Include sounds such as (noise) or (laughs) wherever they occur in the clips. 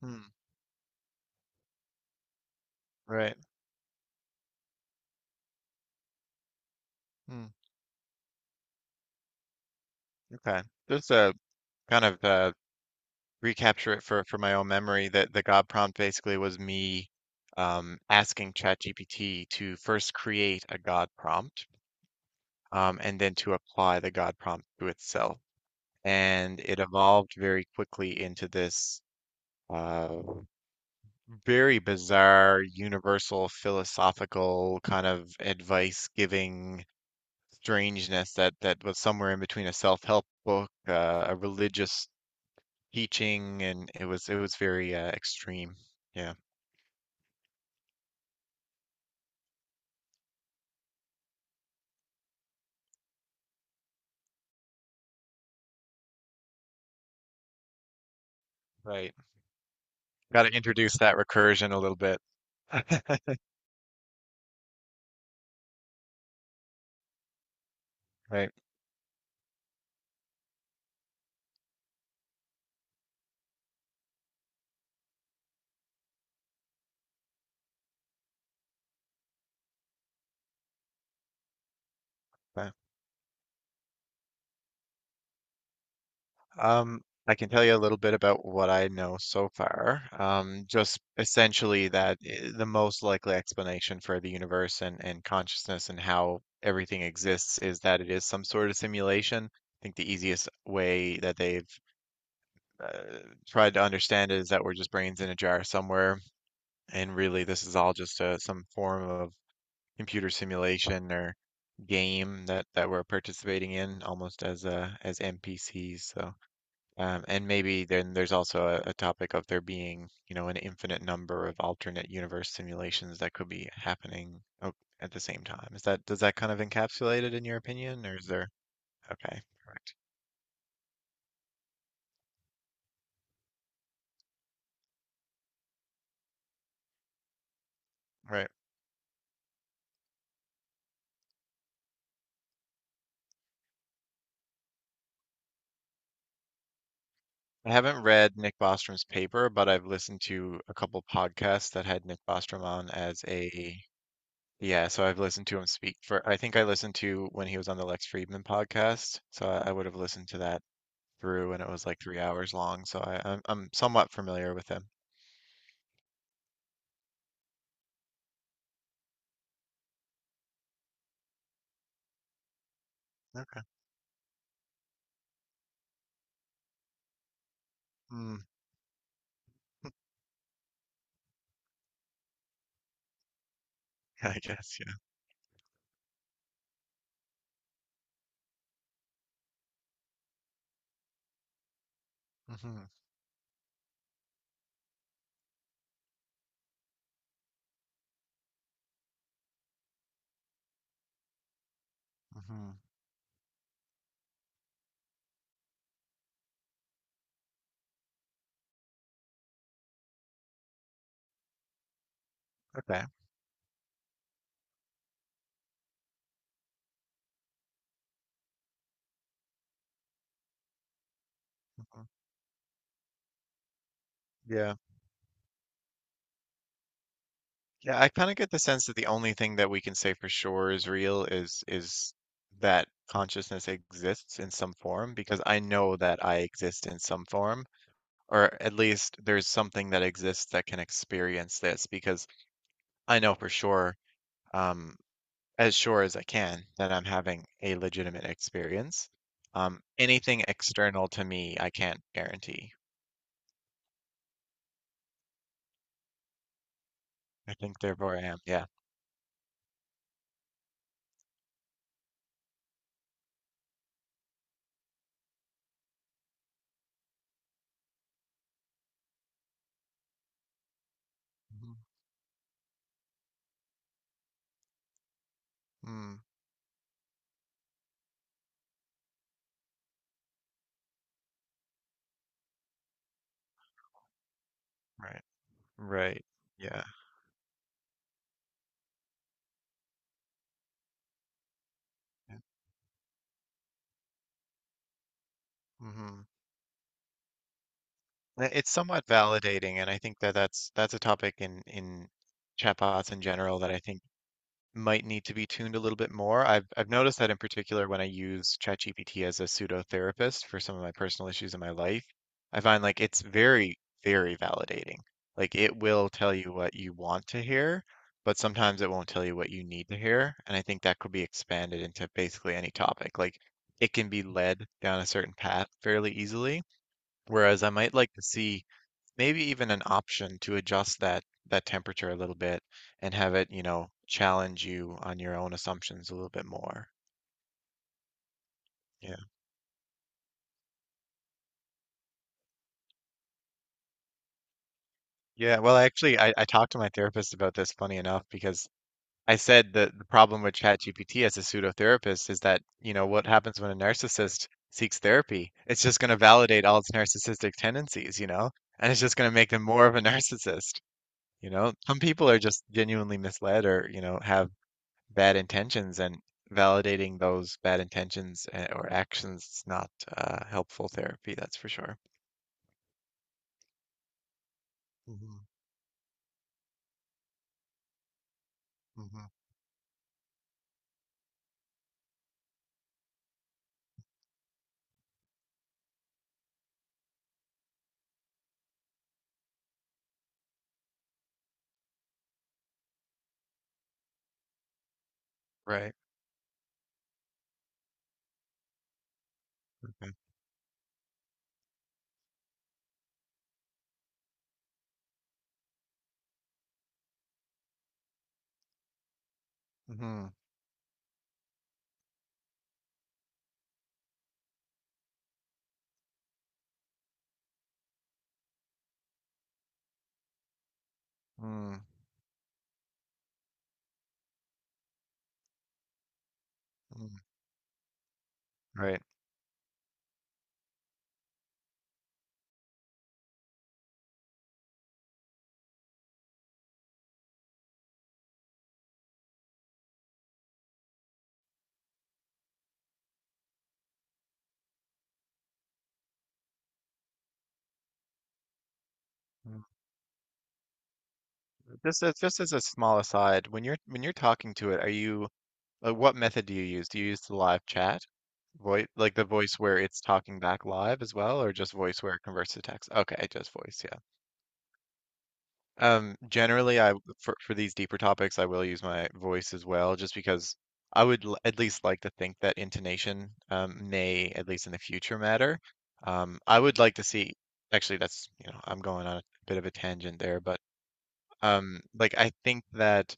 Hmm, right. Hmm, okay. Just kind of uh recapture it for my own memory that the God prompt basically was me asking ChatGPT to first create a God prompt, and then to apply the God prompt to itself. And it evolved very quickly into this uh very bizarre universal philosophical kind of advice giving strangeness that was somewhere in between a self-help book, a religious teaching, and it was very extreme. Yeah, right. Got to introduce that recursion a little bit. (laughs) Right. but, Um, I can tell you a little bit about what I know so far. Just essentially that the most likely explanation for the universe and consciousness and how everything exists is that it is some sort of simulation. I think the easiest way that they've uh, tried to understand it is that we're just brains in a jar somewhere, and really this is all just some form of computer simulation or game that we're participating in almost as as NPCs. So and maybe then there's also a topic of there being, you know, an infinite number of alternate universe simulations that could be happening at the same time. Is that, does that kind of encapsulate it in your opinion, or is there? Okay, correct. Right. I haven't read Nick Bostrom's paper, but I've listened to a couple podcasts that had Nick Bostrom on as a— yeah, so I've listened to him speak for, I think I listened to when he was on the Lex Friedman podcast. So I would have listened to that through, and it was like 3 hours long. So I'm somewhat familiar with him. Okay. Mm, (laughs) I guess, yeah. Hmm. Hmm. Okay. Hmm. Yeah. Yeah, I kind of get the sense that the only thing that we can say for sure is real is that consciousness exists in some form, because I know that I exist in some form, or at least there's something that exists that can experience this. Because I know for sure, um, as sure as I can, that I'm having a legitimate experience. Anything external to me, I can't guarantee. I think, therefore I am. Yeah. Mhm. Mm, right. Right. Yeah, yeah. Hmm. It's somewhat validating, and I think that that's a topic in chatbots in general that I think might need to be tuned a little bit more. I've noticed that in particular when I use ChatGPT as a pseudo therapist for some of my personal issues in my life, I find like it's very, very validating. Like it will tell you what you want to hear, but sometimes it won't tell you what you need to hear. And I think that could be expanded into basically any topic. Like it can be led down a certain path fairly easily, whereas I might like to see maybe even an option to adjust that temperature a little bit and have it, you know, challenge you on your own assumptions a little bit more. Yeah. Yeah, well, actually, I talked to my therapist about this, funny enough. Because I said that the problem with ChatGPT as a pseudotherapist is that, you know, what happens when a narcissist seeks therapy? It's just going to validate all its narcissistic tendencies, you know, and it's just going to make them more of a (laughs) narcissist. You know, some people are just genuinely misled, or, you know, have bad intentions, and validating those bad intentions or actions is not helpful therapy, that's for sure. Hmm. Hmm. Right. Okay. Hmm. Mm. Mm. Right. Mm. Just as— just as a small aside, when you're— when you're talking to it, are you, like, what method do you use? Do you use the live chat? Voice, like the voice where it's talking back live as well, or just voice where it converts to text? Okay, just voice, yeah. Generally, I, for these deeper topics, I will use my voice as well, just because I would l at least like to think that intonation, may, at least in the future, matter. I would like to see. Actually, that's, you know, I'm going on a bit of a tangent there, but like, I think that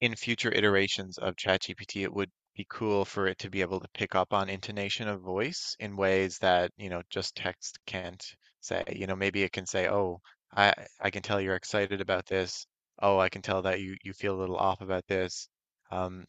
in future iterations of ChatGPT, it would be cool for it to be able to pick up on intonation of voice in ways that, you know, just text can't say. You know, maybe it can say, "Oh, I I can tell you're excited about this. Oh, I can tell that you feel a little off about this." Um,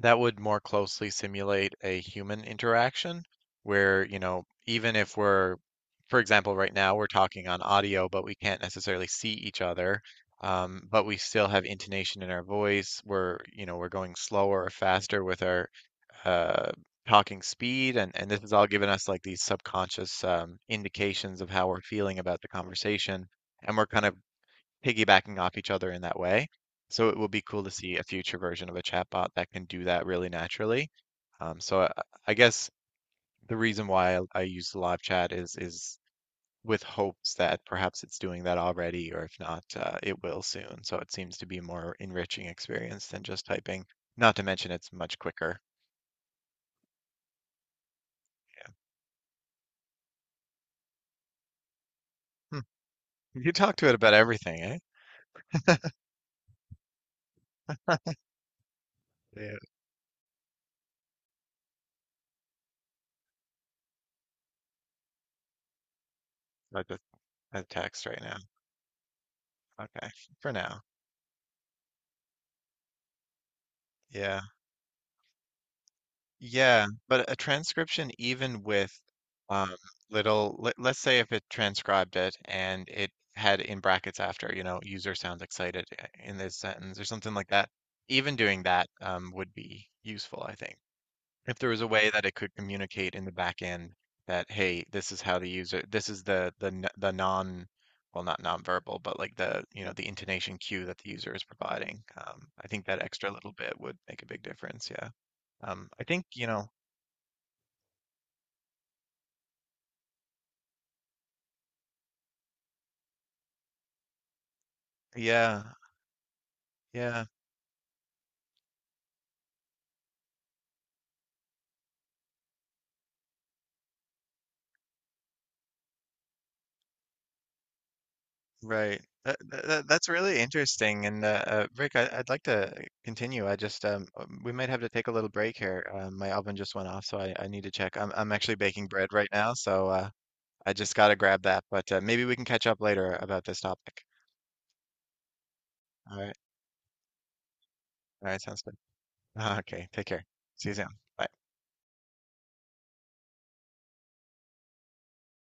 that would more closely simulate a human interaction where, you know, even if we're, for example, right now we're talking on audio, but we can't necessarily see each other, but we still have intonation in our voice. We're, you know, we're going slower or faster with our uh, talking speed, and this has all given us, like, these subconscious indications of how we're feeling about the conversation, and we're kind of piggybacking off each other in that way. So it will be cool to see a future version of a chatbot that can do that really naturally. So I guess the reason why I use live chat is with hopes that perhaps it's doing that already, or if not, it will soon. So it seems to be a more enriching experience than just typing. Not to mention it's much quicker. Hmm. You talk to it about everything, eh? Yeah. Like the text right now. Okay, for now. Yeah. Yeah, but a transcription, even with um, little— let's say if it transcribed it and it had in brackets after, you know, user sounds excited in this sentence or something like that, even doing that, would be useful, I think. If there was a way that it could communicate in the back end that, hey, this is how the user— this is the the non— well, not nonverbal, but like the, you know, the intonation cue that the user is providing. I think that extra little bit would make a big difference. Yeah. I think, you know, yeah, yeah, right. That's really interesting. And, Rick, I, I'd like to continue. I just, we might have to take a little break here. My oven just went off, so I need to check. I'm actually baking bread right now, so I just got to grab that. But maybe we can catch up later about this topic. All right, all right, sounds good. (laughs) Okay, take care. See you soon. Bye.